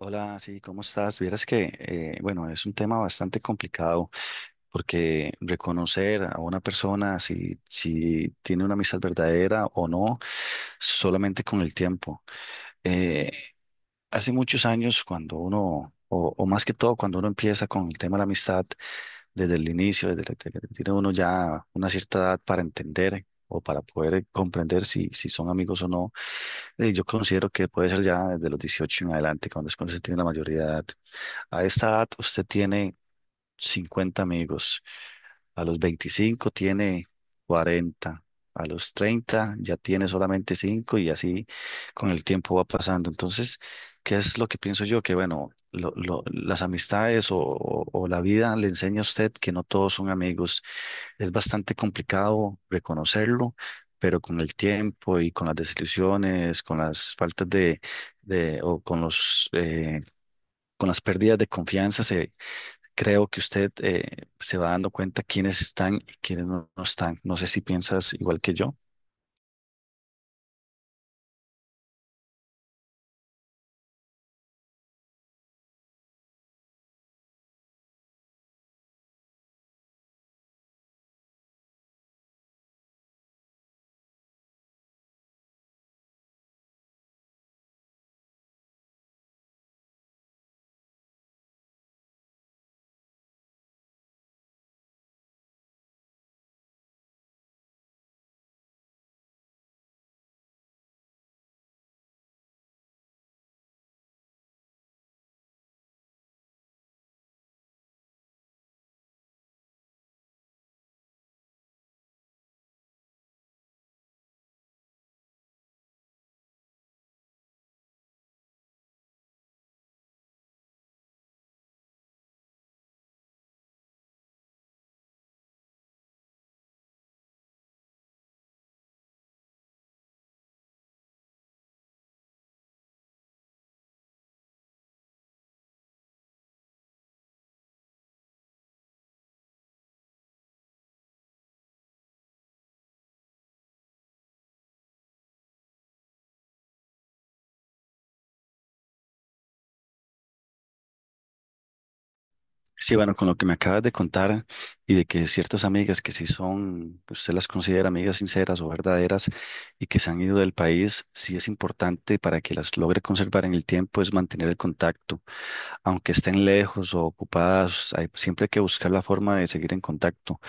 Hola, sí, ¿cómo estás? Vieras que, bueno, es un tema bastante complicado porque reconocer a una persona si tiene una amistad verdadera o no, solamente con el tiempo. Eh, Hace muchos años, cuando uno, o más que todo, cuando uno empieza con el tema de la amistad, desde el inicio, desde que tiene uno ya una cierta edad para entender o para poder comprender si son amigos o no. Yo considero que puede ser ya desde los 18 en adelante, cuando es cuando se tiene la mayoría de edad. A esta edad usted tiene 50 amigos, a los 25 tiene 40, a los 30 ya tiene solamente 5 y así con el tiempo va pasando. Entonces, ¿qué es lo que pienso yo? Que bueno, las amistades o la vida le enseña a usted que no todos son amigos. Es bastante complicado reconocerlo, pero con el tiempo y con las desilusiones, con las faltas de o con los, con las pérdidas de confianza, se, creo que usted se va dando cuenta quiénes están y quiénes no están. No sé si piensas igual que yo. Sí, bueno, con lo que me acabas de contar y de que ciertas amigas que sí son, que usted las considera amigas sinceras o verdaderas y que se han ido del país, sí es importante para que las logre conservar en el tiempo es mantener el contacto. Aunque estén lejos o ocupadas, hay, siempre hay que buscar la forma de seguir en contacto.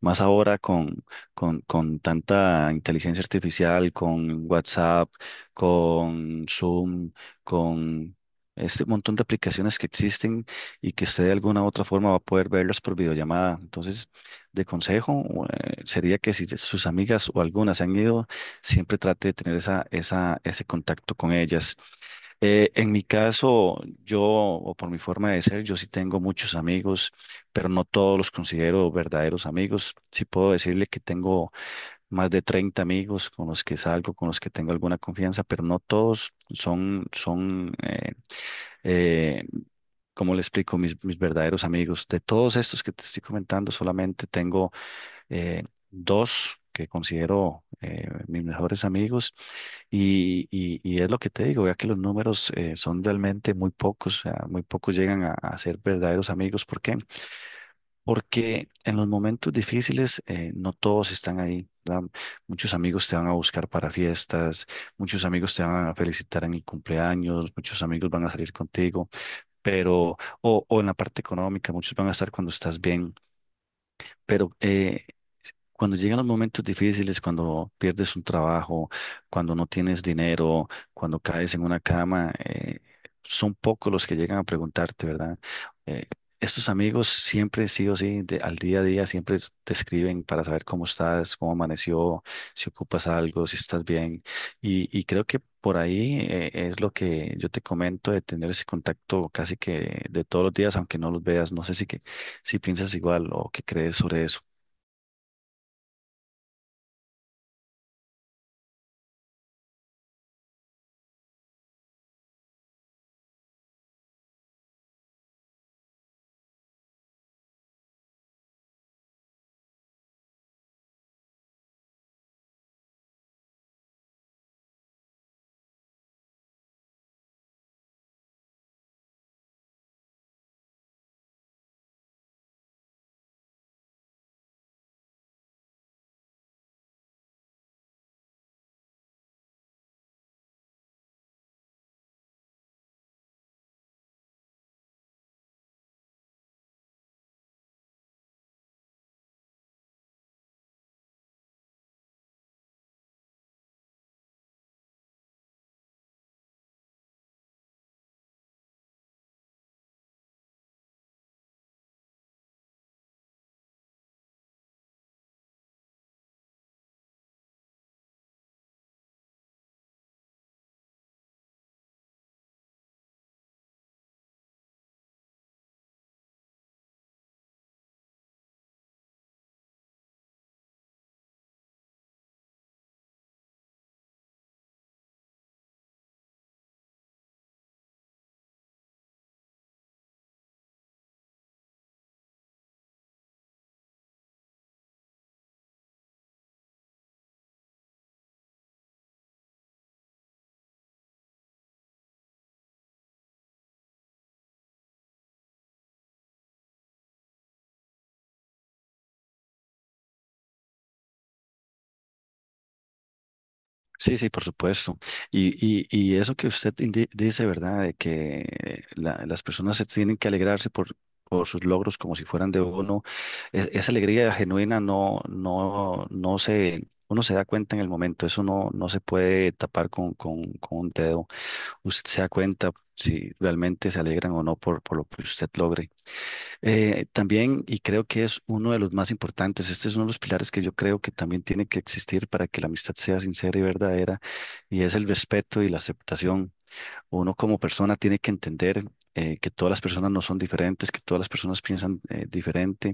Más ahora con, con tanta inteligencia artificial, con WhatsApp, con Zoom, con este montón de aplicaciones que existen y que usted de alguna u otra forma va a poder verlos por videollamada. Entonces, de consejo, sería que si sus amigas o algunas se han ido, siempre trate de tener esa, esa, ese contacto con ellas. En mi caso, yo, o por mi forma de ser, yo sí tengo muchos amigos, pero no todos los considero verdaderos amigos. Sí puedo decirle que tengo más de 30 amigos con los que salgo, con los que tengo alguna confianza, pero no todos son, son eh, como le explico, mis verdaderos amigos, de todos estos que te estoy comentando, solamente tengo eh, dos que considero mis mejores amigos y, y es lo que te digo, ya que los números son realmente muy pocos, o sea, muy pocos llegan a ser verdaderos amigos. ¿Por qué? Porque en los momentos difíciles no todos están ahí, ¿verdad? Muchos amigos te van a buscar para fiestas, muchos amigos te van a felicitar en el cumpleaños, muchos amigos van a salir contigo pero, o en la parte económica, muchos van a estar cuando estás bien, pero cuando llegan los momentos difíciles, cuando pierdes un trabajo, cuando no tienes dinero, cuando caes en una cama, son pocos los que llegan a preguntarte, ¿verdad? Eh, Estos amigos siempre, sí o sí, al día a día, siempre te escriben para saber cómo estás, cómo amaneció, si ocupas algo, si estás bien. Y creo que por ahí es lo que yo te comento de tener ese contacto casi que de todos los días, aunque no los veas. No sé si que si piensas igual o qué crees sobre eso. Sí, sí, por supuesto. Y, y eso que usted dice, ¿verdad? De que las personas se tienen que alegrarse por sus logros como si fueran de uno. Esa alegría genuina no, no, no se, uno se da cuenta en el momento. Eso no, no se puede tapar con, con un dedo. Usted se da cuenta si realmente se alegran o no por, por lo que usted logre. También, y creo que es uno de los más importantes, este es uno de los pilares que yo creo que también tiene que existir para que la amistad sea sincera y verdadera, y es el respeto y la aceptación. Uno como persona tiene que entender. Que todas las personas no son diferentes, que todas las personas piensan diferente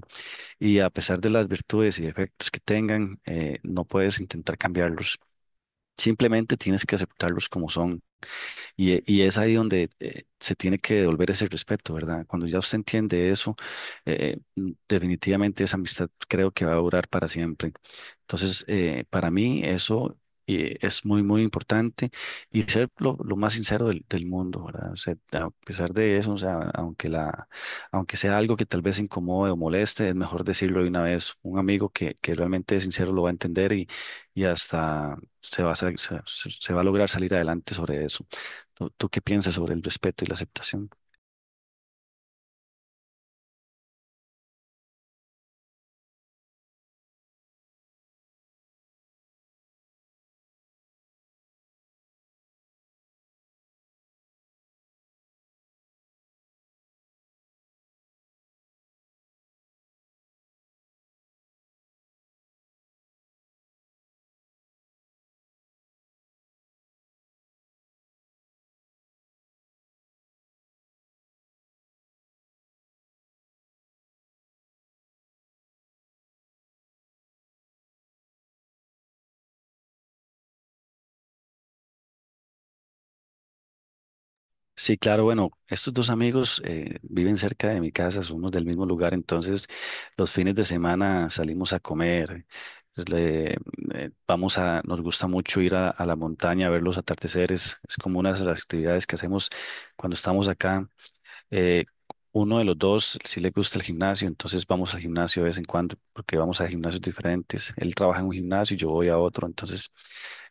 y a pesar de las virtudes y defectos que tengan, no puedes intentar cambiarlos. Simplemente tienes que aceptarlos como son. Y, y es ahí donde se tiene que devolver ese respeto, ¿verdad? Cuando ya usted entiende eso, definitivamente esa amistad creo que va a durar para siempre. Entonces, para mí eso es muy, muy importante y ser lo más sincero del, del mundo, ¿verdad? O sea, a pesar de eso, o sea, aunque la, aunque sea algo que tal vez incomode o moleste, es mejor decirlo de una vez. Un amigo que realmente es sincero lo va a entender y hasta se va a, se va a lograr salir adelante sobre eso. ¿Tú qué piensas sobre el respeto y la aceptación? Sí, claro, bueno, estos dos amigos viven cerca de mi casa, somos del mismo lugar, entonces los fines de semana salimos a comer, pues, vamos a, nos gusta mucho ir a la montaña a ver los atardeceres, es como una de las actividades que hacemos cuando estamos acá. Eh, Uno de los dos sí le gusta el gimnasio, entonces vamos al gimnasio de vez en cuando, porque vamos a gimnasios diferentes. Él trabaja en un gimnasio y yo voy a otro, entonces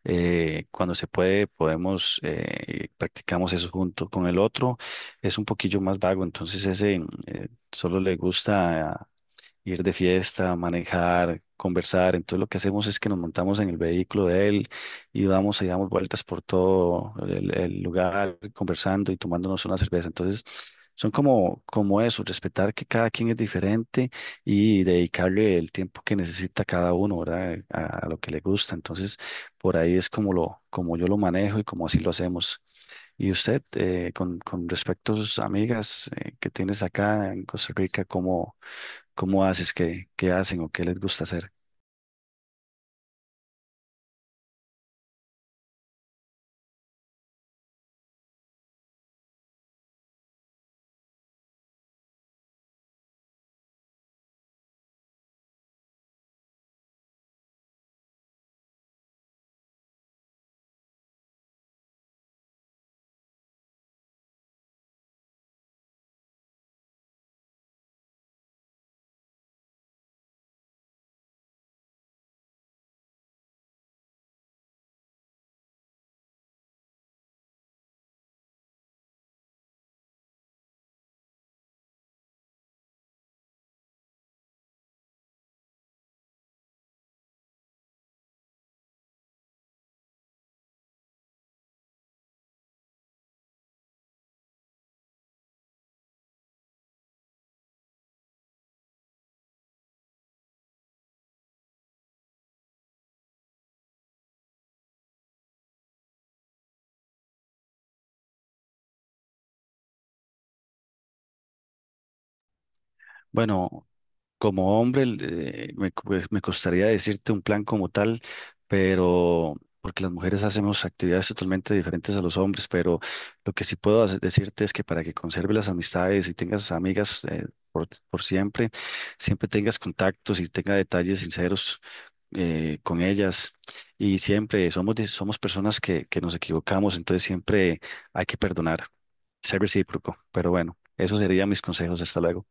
cuando se puede podemos, practicamos eso junto con el otro. Es un poquillo más vago, entonces ese solo le gusta ir de fiesta, manejar, conversar. Entonces lo que hacemos es que nos montamos en el vehículo de él y vamos y damos vueltas por todo el lugar, conversando y tomándonos una cerveza. Entonces son como, como eso, respetar que cada quien es diferente y dedicarle el tiempo que necesita cada uno, ¿verdad? A lo que le gusta. Entonces por ahí es como lo, como yo lo manejo y como así lo hacemos. Y usted, con respecto a sus amigas que tienes acá en Costa Rica, ¿cómo haces? ¿Qué, qué hacen o qué les gusta hacer? Bueno, como hombre, me, pues, me costaría decirte un plan como tal, pero porque las mujeres hacemos actividades totalmente diferentes a los hombres, pero lo que sí puedo decirte es que para que conserves las amistades y tengas amigas por siempre, siempre tengas contactos y tengas detalles sinceros con ellas. Y siempre somos, somos personas que nos equivocamos, entonces siempre hay que perdonar, ser recíproco. Pero bueno, esos serían mis consejos. Hasta luego.